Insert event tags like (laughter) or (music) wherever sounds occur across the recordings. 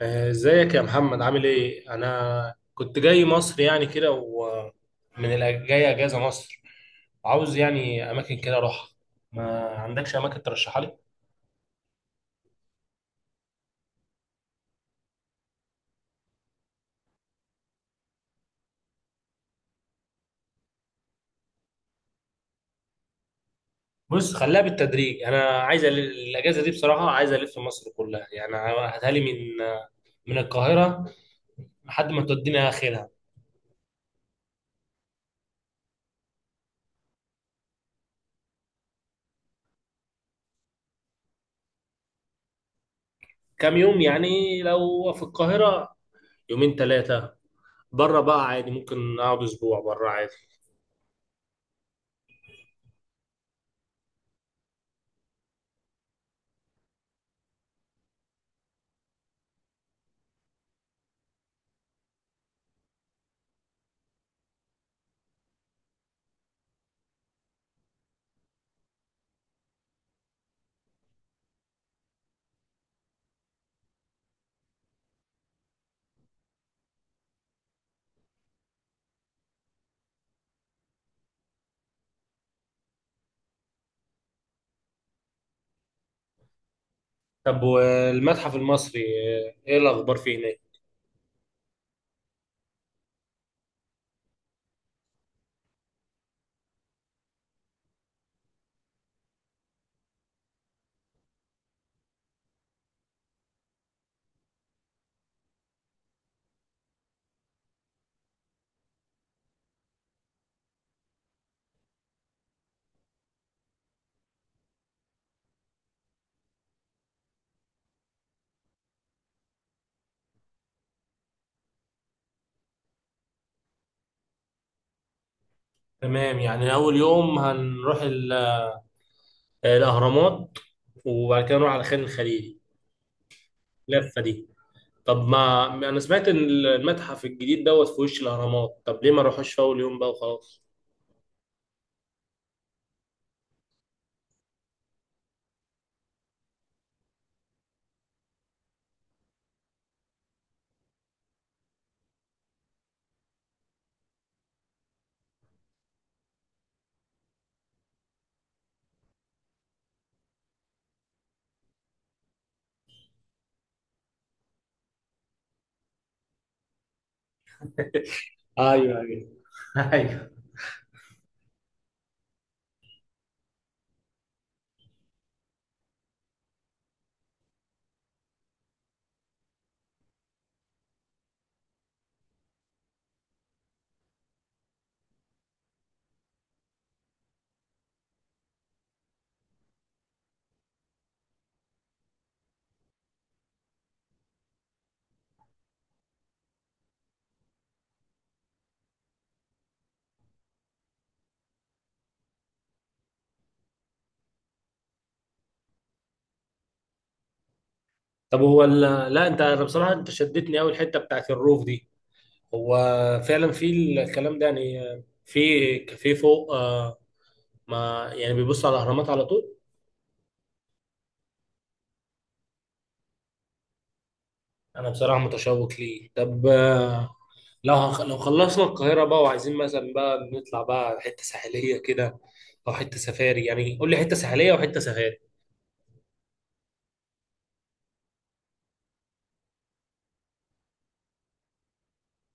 ازيك يا محمد؟ عامل ايه؟ انا كنت جاي مصر يعني كده، جاي اجازه مصر. عاوز يعني اماكن كده اروحها. ما عندكش اماكن ترشحها لي؟ بص، خليها بالتدريج. انا عايز الاجازه دي بصراحه، عايز الف مصر كلها يعني، هاتها لي من من القاهره لحد ما تودينا اخرها. كام يوم يعني لو في القاهره؟ يومين ثلاثه. بره بقى عادي، ممكن اقعد اسبوع بره عادي. طب والمتحف المصري، ايه الاخبار فيه هناك؟ تمام، يعني أول يوم هنروح الأهرامات وبعد كده نروح على خان الخليلي، اللفة دي. طب ما أنا سمعت إن المتحف الجديد دوت في وش الأهرامات، طب ليه ما نروحوش في أول يوم بقى وخلاص؟ ايوه ايوه، (laughs) ايوه. طب هو ال... لا أنت، أنا بصراحة أنت شدتني أوي الحتة بتاعت الروف دي. هو فعلا في الكلام ده يعني، في كافيه فوق ما يعني بيبص على الأهرامات على طول؟ أنا بصراحة متشوق ليه. طب لو خلصنا القاهرة بقى وعايزين مثلا بقى نطلع بقى حتة ساحلية كده، أو حتة سفاري، يعني قول لي حتة ساحلية وحتة سفاري.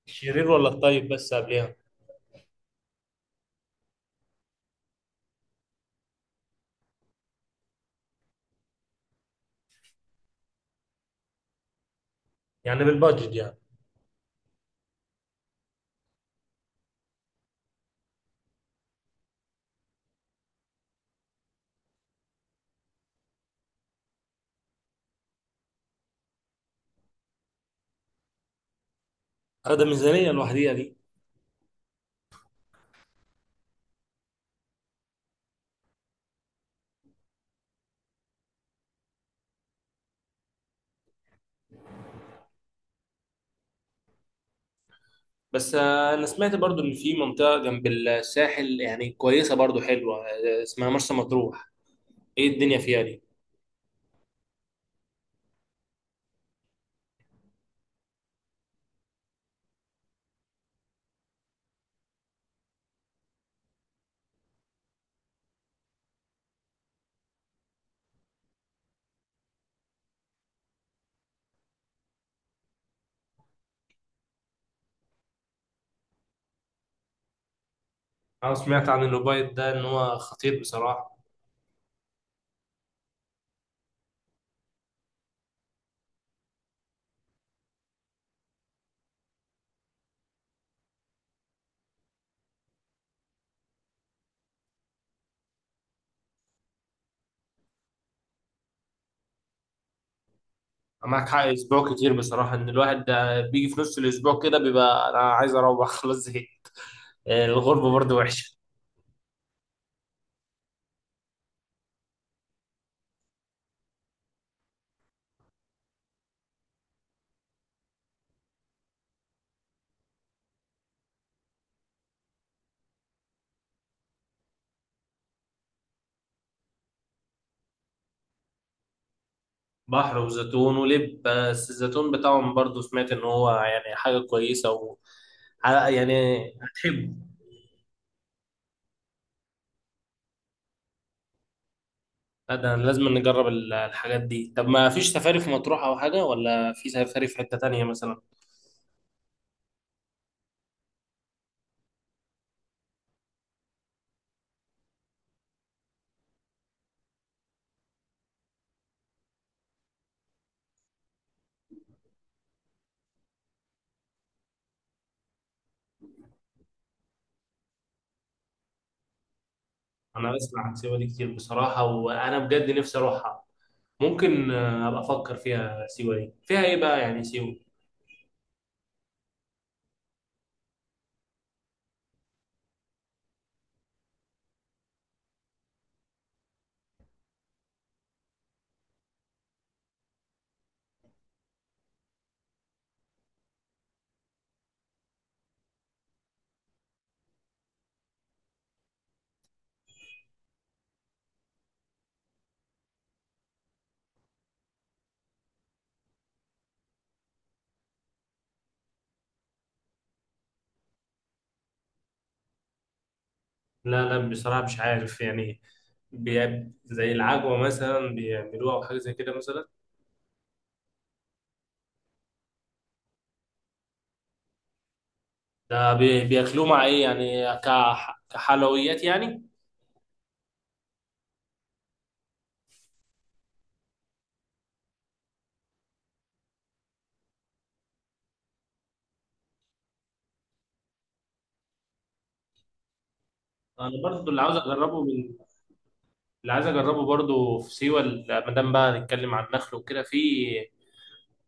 الشرير ولا الطيب؟ بس قبلها يعني بالبادجت يعني؟ هذا ميزانية لوحديها دي. بس أنا سمعت برضو إن في منطقة جنب الساحل يعني كويسة برضو حلوة اسمها مرسى مطروح. إيه الدنيا فيها دي؟ أنا سمعت عن الأوبايد ده، إن هو خطير بصراحة. معاك حق، أسبوع كتير بصراحة. إن الواحد بيجي في نص الأسبوع كده بيبقى أنا عايز أروح، (laughs) خلاص زهقت. الغربة برضو وحشة. بحر وزيتون ولب، بس الزيتون بتاعهم برضو سمعت ان هو يعني حاجة كويسة و يعني هتحبه. لا، ده لازم نجرب الحاجات دي. طب ما فيش سفاري في مطروح او حاجة؟ ولا في سفاري في حتة تانية مثلا؟ انا بسمع عن سيوة دي كتير بصراحة، وانا بجد نفسي اروحها. ممكن ابقى افكر فيها. سيوة دي فيها ايه بقى يعني سيوة؟ لا لا، بصراحة مش عارف يعني. بي- زي العجوة مثلا بيعملوها او حاجة زي كده مثلا؟ ده بي- بياكلوه مع ايه يعني، كح- كحلويات يعني؟ انا برضو اللي عاوز اجربه من، اللي عايز اجربه برضو في سيوة ما دام بقى نتكلم عن النخل وكده، في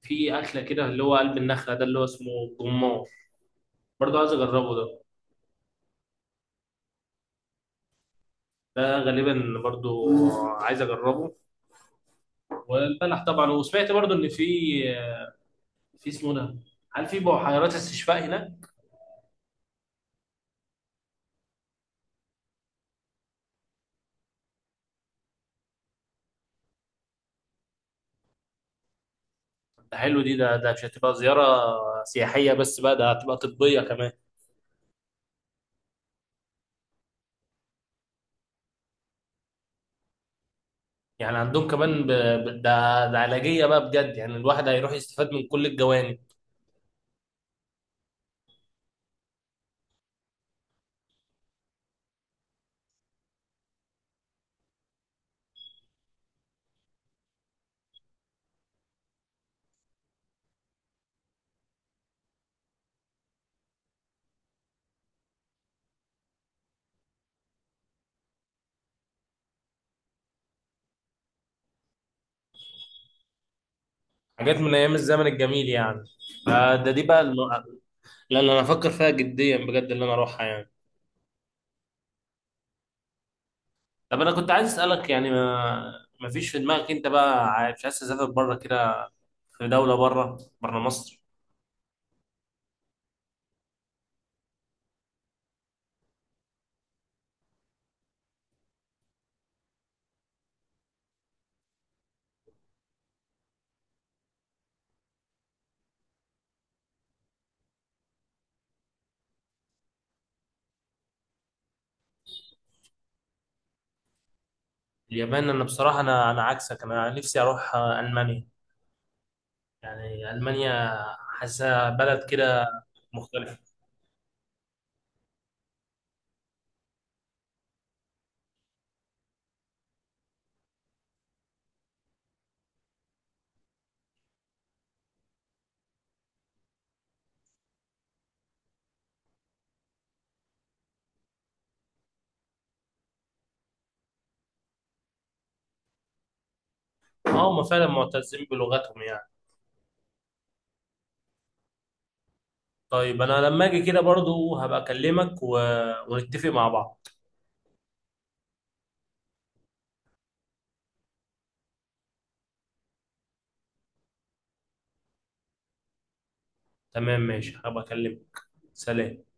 في اكله كده اللي هو قلب النخله، ده اللي هو اسمه الجمار، برضو عايز اجربه ده. ده غالبا برضو عايز اجربه. والبلح طبعا. وسمعت برضو ان في، في اسمه ده، هل في بحيرات استشفاء هناك؟ ده حلو، دي ده ده مش هتبقى زياره سياحيه بس بقى، ده هتبقى طبيه كمان. يعني عندهم كمان ب... ب... ده ده علاجية بقى بجد، يعني الواحد هيروح يستفاد من كل الجوانب. حاجات من أيام الزمن الجميل يعني، فده دي بقى الم... لا لا، أنا أفكر فيها جديا بجد، اللي أنا أروحها يعني. طب أنا كنت عايز أسألك يعني، ما... ما فيش في دماغك أنت بقى عايز- مش عايز تسافر بره كده؟ في دولة بره بره مصر؟ اليابان؟ أنا بصراحة، أنا عكسك، أنا نفسي أروح ألمانيا. يعني ألمانيا، حاسة بلد كده مختلفة. اه هم فعلا معتزين بلغتهم يعني. طيب انا لما اجي كده برضو هبقى اكلمك و... ونتفق مع بعض. تمام، ماشي، هبقى اكلمك. سلام.